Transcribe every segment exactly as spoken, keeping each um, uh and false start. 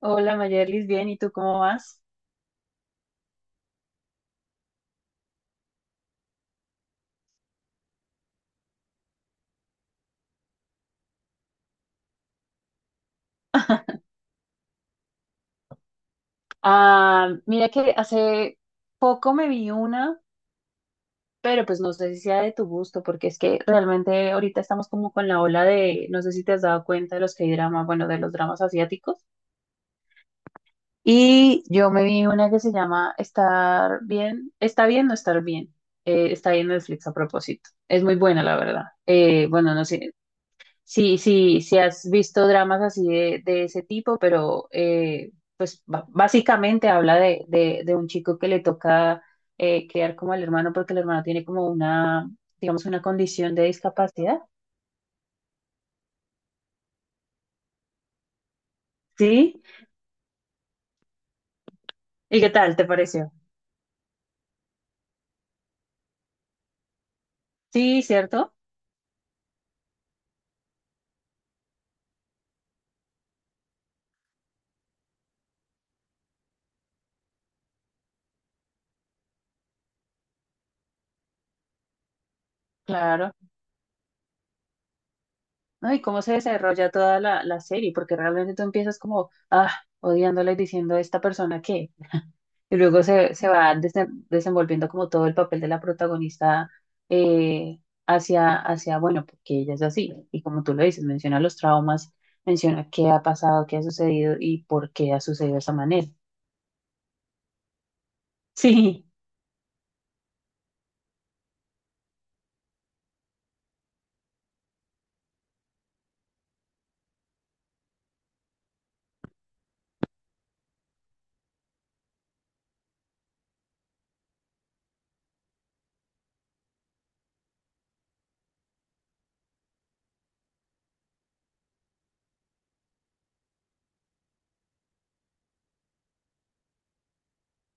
Hola Mayerlis, bien, ¿y tú cómo vas? Ah, mira que hace poco me vi una, pero pues no sé si sea de tu gusto, porque es que realmente ahorita estamos como con la ola de, no sé si te has dado cuenta de los K-dramas, bueno, de los dramas asiáticos. Y yo me vi una que se llama Estar bien, está bien no estar bien. Eh, está ahí en Netflix a propósito. Es muy buena, la verdad. Eh, bueno, no sé, Sí, sí, sí has visto dramas así de, de ese tipo, pero eh, pues ba- básicamente habla de, de, de un chico que le toca eh, criar como al hermano porque el hermano tiene como una, digamos, una condición de discapacidad. ¿Sí? ¿Y qué tal te pareció? Sí, ¿cierto? Claro. ¿No? ¿Y cómo se desarrolla toda la, la serie? Porque realmente tú empiezas como, ah, odiándola y diciendo, ¿esta persona qué? Y luego se, se va desen- desenvolviendo como todo el papel de la protagonista eh, hacia, hacia, bueno, porque ella es así. Y como tú lo dices, menciona los traumas, menciona qué ha pasado, qué ha sucedido y por qué ha sucedido de esa manera. Sí,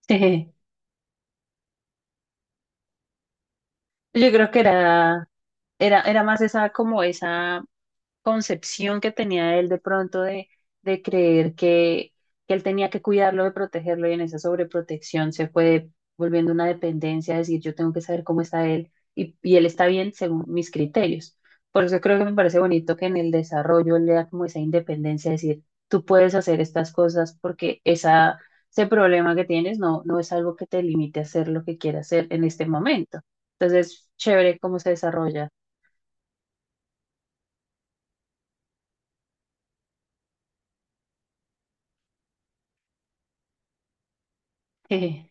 jeje. Yo creo que era, era, era más esa, como esa concepción que tenía él de pronto de, de creer que, que él tenía que cuidarlo, de protegerlo, y en esa sobreprotección se fue volviendo una dependencia, decir, yo tengo que saber cómo está él y, y él está bien según mis criterios. Por eso creo que me parece bonito que en el desarrollo él le da como esa independencia, decir, tú puedes hacer estas cosas porque esa, ese problema que tienes no, no es algo que te limite a hacer lo que quieras hacer en este momento. Entonces, chévere cómo se desarrolla. Sí,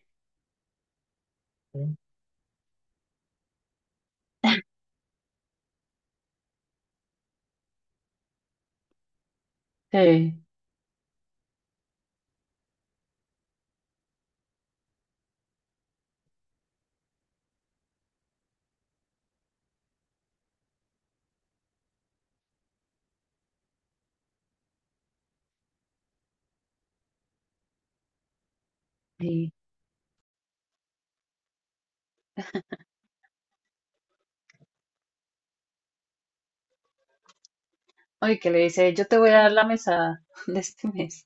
sí. Sí. Oye, que le dice, yo te voy a dar la mesada de este mes.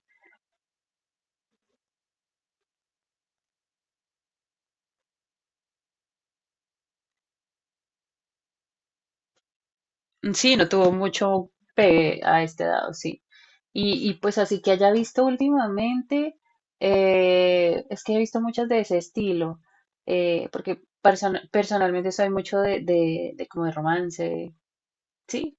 Sí, no tuvo mucho pegue a este dado, sí. Y, y pues así que haya visto últimamente, eh, es que he visto muchas de ese estilo, eh, porque persona- personalmente soy mucho de, de, de como de romance, sí.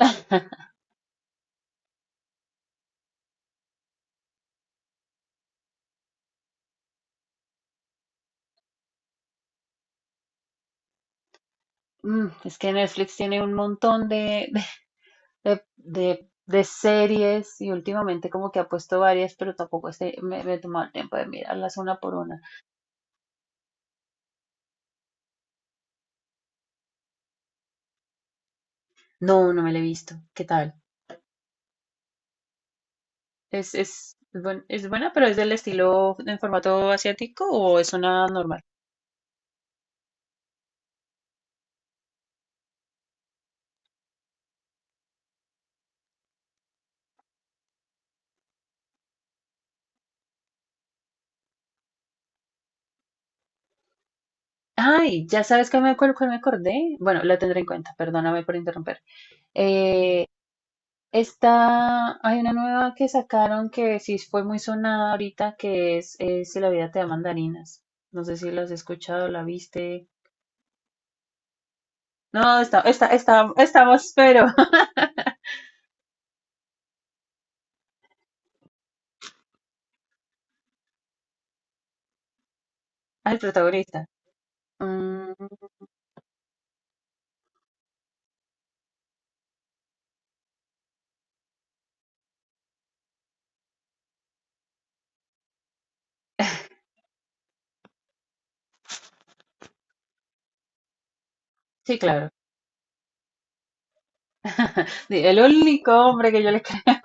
Mm, es que Netflix tiene un montón de, de, de, de series y últimamente como que ha puesto varias, pero tampoco este, me, me he tomado el tiempo de mirarlas una por una. No, no me la he visto. ¿Qué tal? ¿Es, es, es buen- es buena, pero es del estilo en formato asiático o es una normal? Ay, ya sabes que me, acuer- cuál me acordé. Bueno, la tendré en cuenta, perdóname por interrumpir. Eh, esta, Hay una nueva que sacaron que sí fue muy sonada ahorita, que es, eh, Si la vida te da mandarinas. No sé si la has escuchado, la viste. No, está, está, está, estamos, pero al protagonista. Mm, sí, claro. El único hombre que yo le creo.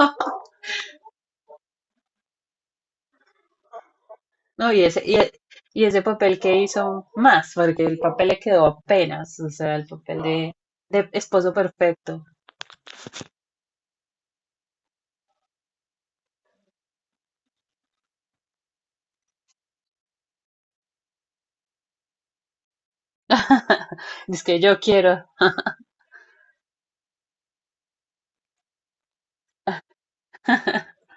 No, y ese, y, e- y ese papel que hizo más, porque el papel le quedó apenas, o sea, el papel de, de esposo perfecto. Es que yo quiero.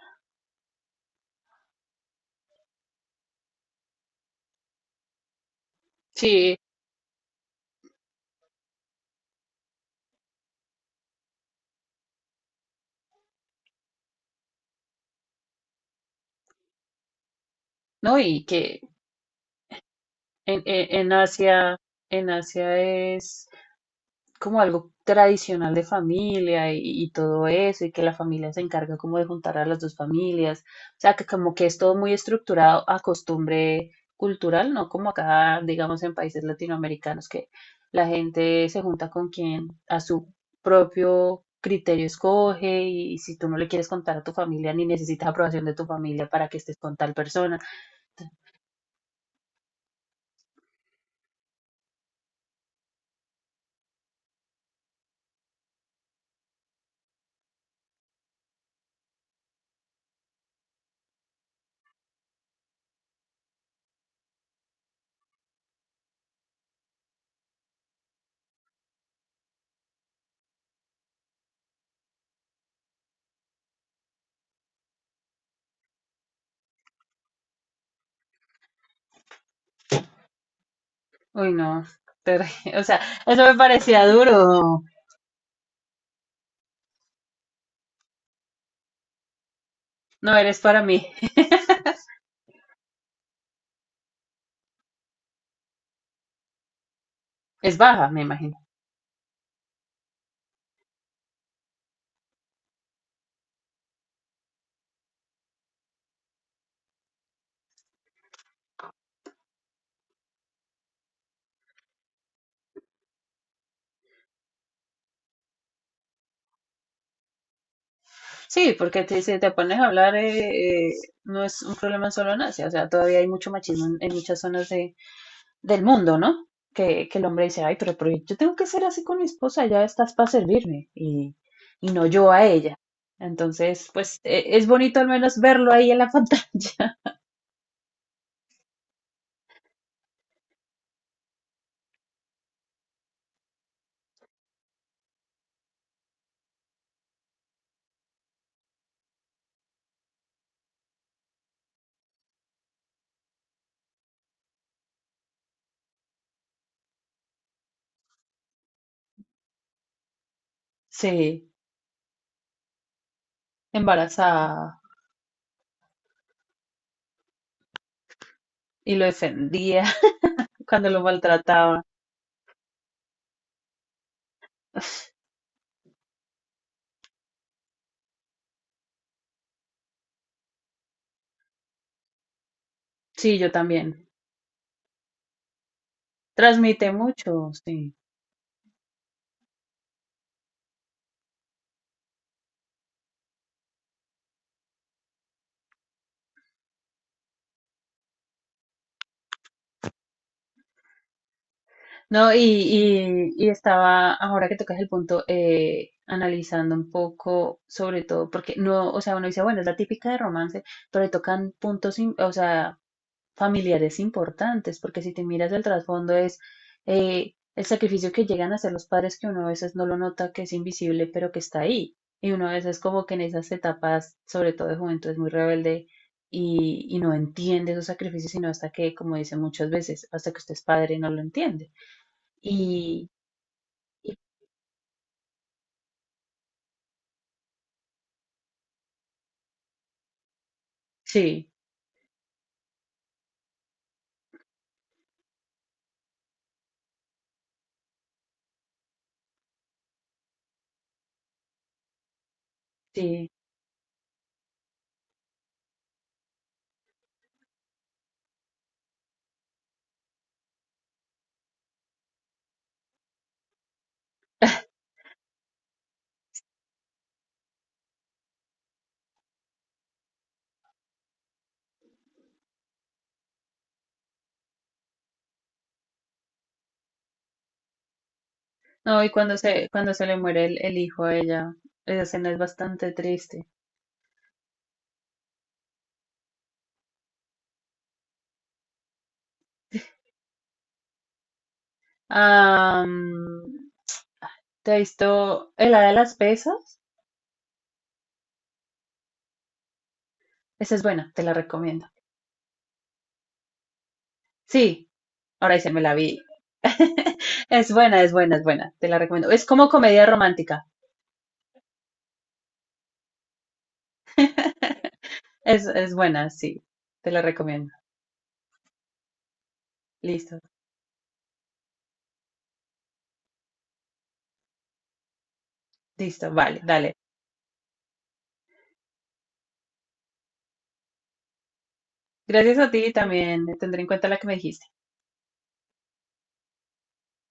Sí, no, y que en, en, en Asia, en Asia es como algo tradicional de familia y, y todo eso, y que la familia se encarga como de juntar a las dos familias, o sea, que como que es todo muy estructurado a costumbre cultural, no como acá, digamos, en países latinoamericanos, que la gente se junta con quien a su propio criterio escoge y, y si tú no le quieres contar a tu familia ni necesitas aprobación de tu familia para que estés con tal persona. Uy, no, ter- o sea, eso me parecía duro, no eres para mí, es baja, me imagino. Sí, porque te- si te pones a hablar, eh, eh, no es un problema solo en Asia, o sea, todavía hay mucho machismo en, en muchas zonas de, del mundo, ¿no? Que, que el hombre dice, ay, pero, pero yo tengo que ser así con mi esposa, ya estás para servirme y, y no yo a ella. Entonces, pues e- es bonito al menos verlo ahí en la pantalla. Sí, embarazada y lo defendía cuando lo maltrataba. Sí, yo también. Transmite mucho, sí. No, y, y- y estaba, ahora que tocas el punto, eh, analizando un poco, sobre todo, porque no, o sea, uno dice, bueno, es la típica de romance, pero le tocan puntos, im- o sea, familiares importantes, porque si te miras el trasfondo es eh, el sacrificio que llegan a hacer los padres, que uno a veces no lo nota, que es invisible, pero que está ahí. Y uno a veces como que en esas etapas, sobre todo de juventud, es muy rebelde y, y no entiende esos sacrificios, sino hasta que, como dicen muchas veces, hasta que usted es padre, no lo entiende. Y, y- sí, sí. No, y cuando se, cuando se le muere el, el hijo a ella, esa escena es bastante triste. Am, ¿te has visto el hada de las pesas? Esa es buena, te la recomiendo. Sí, ahora dice, me la vi. Es buena, es buena, es buena, te la recomiendo. Es como comedia romántica. Es, es buena, sí, te la recomiendo. Listo, listo, vale, dale. Gracias a ti también, tendré en cuenta la que me dijiste.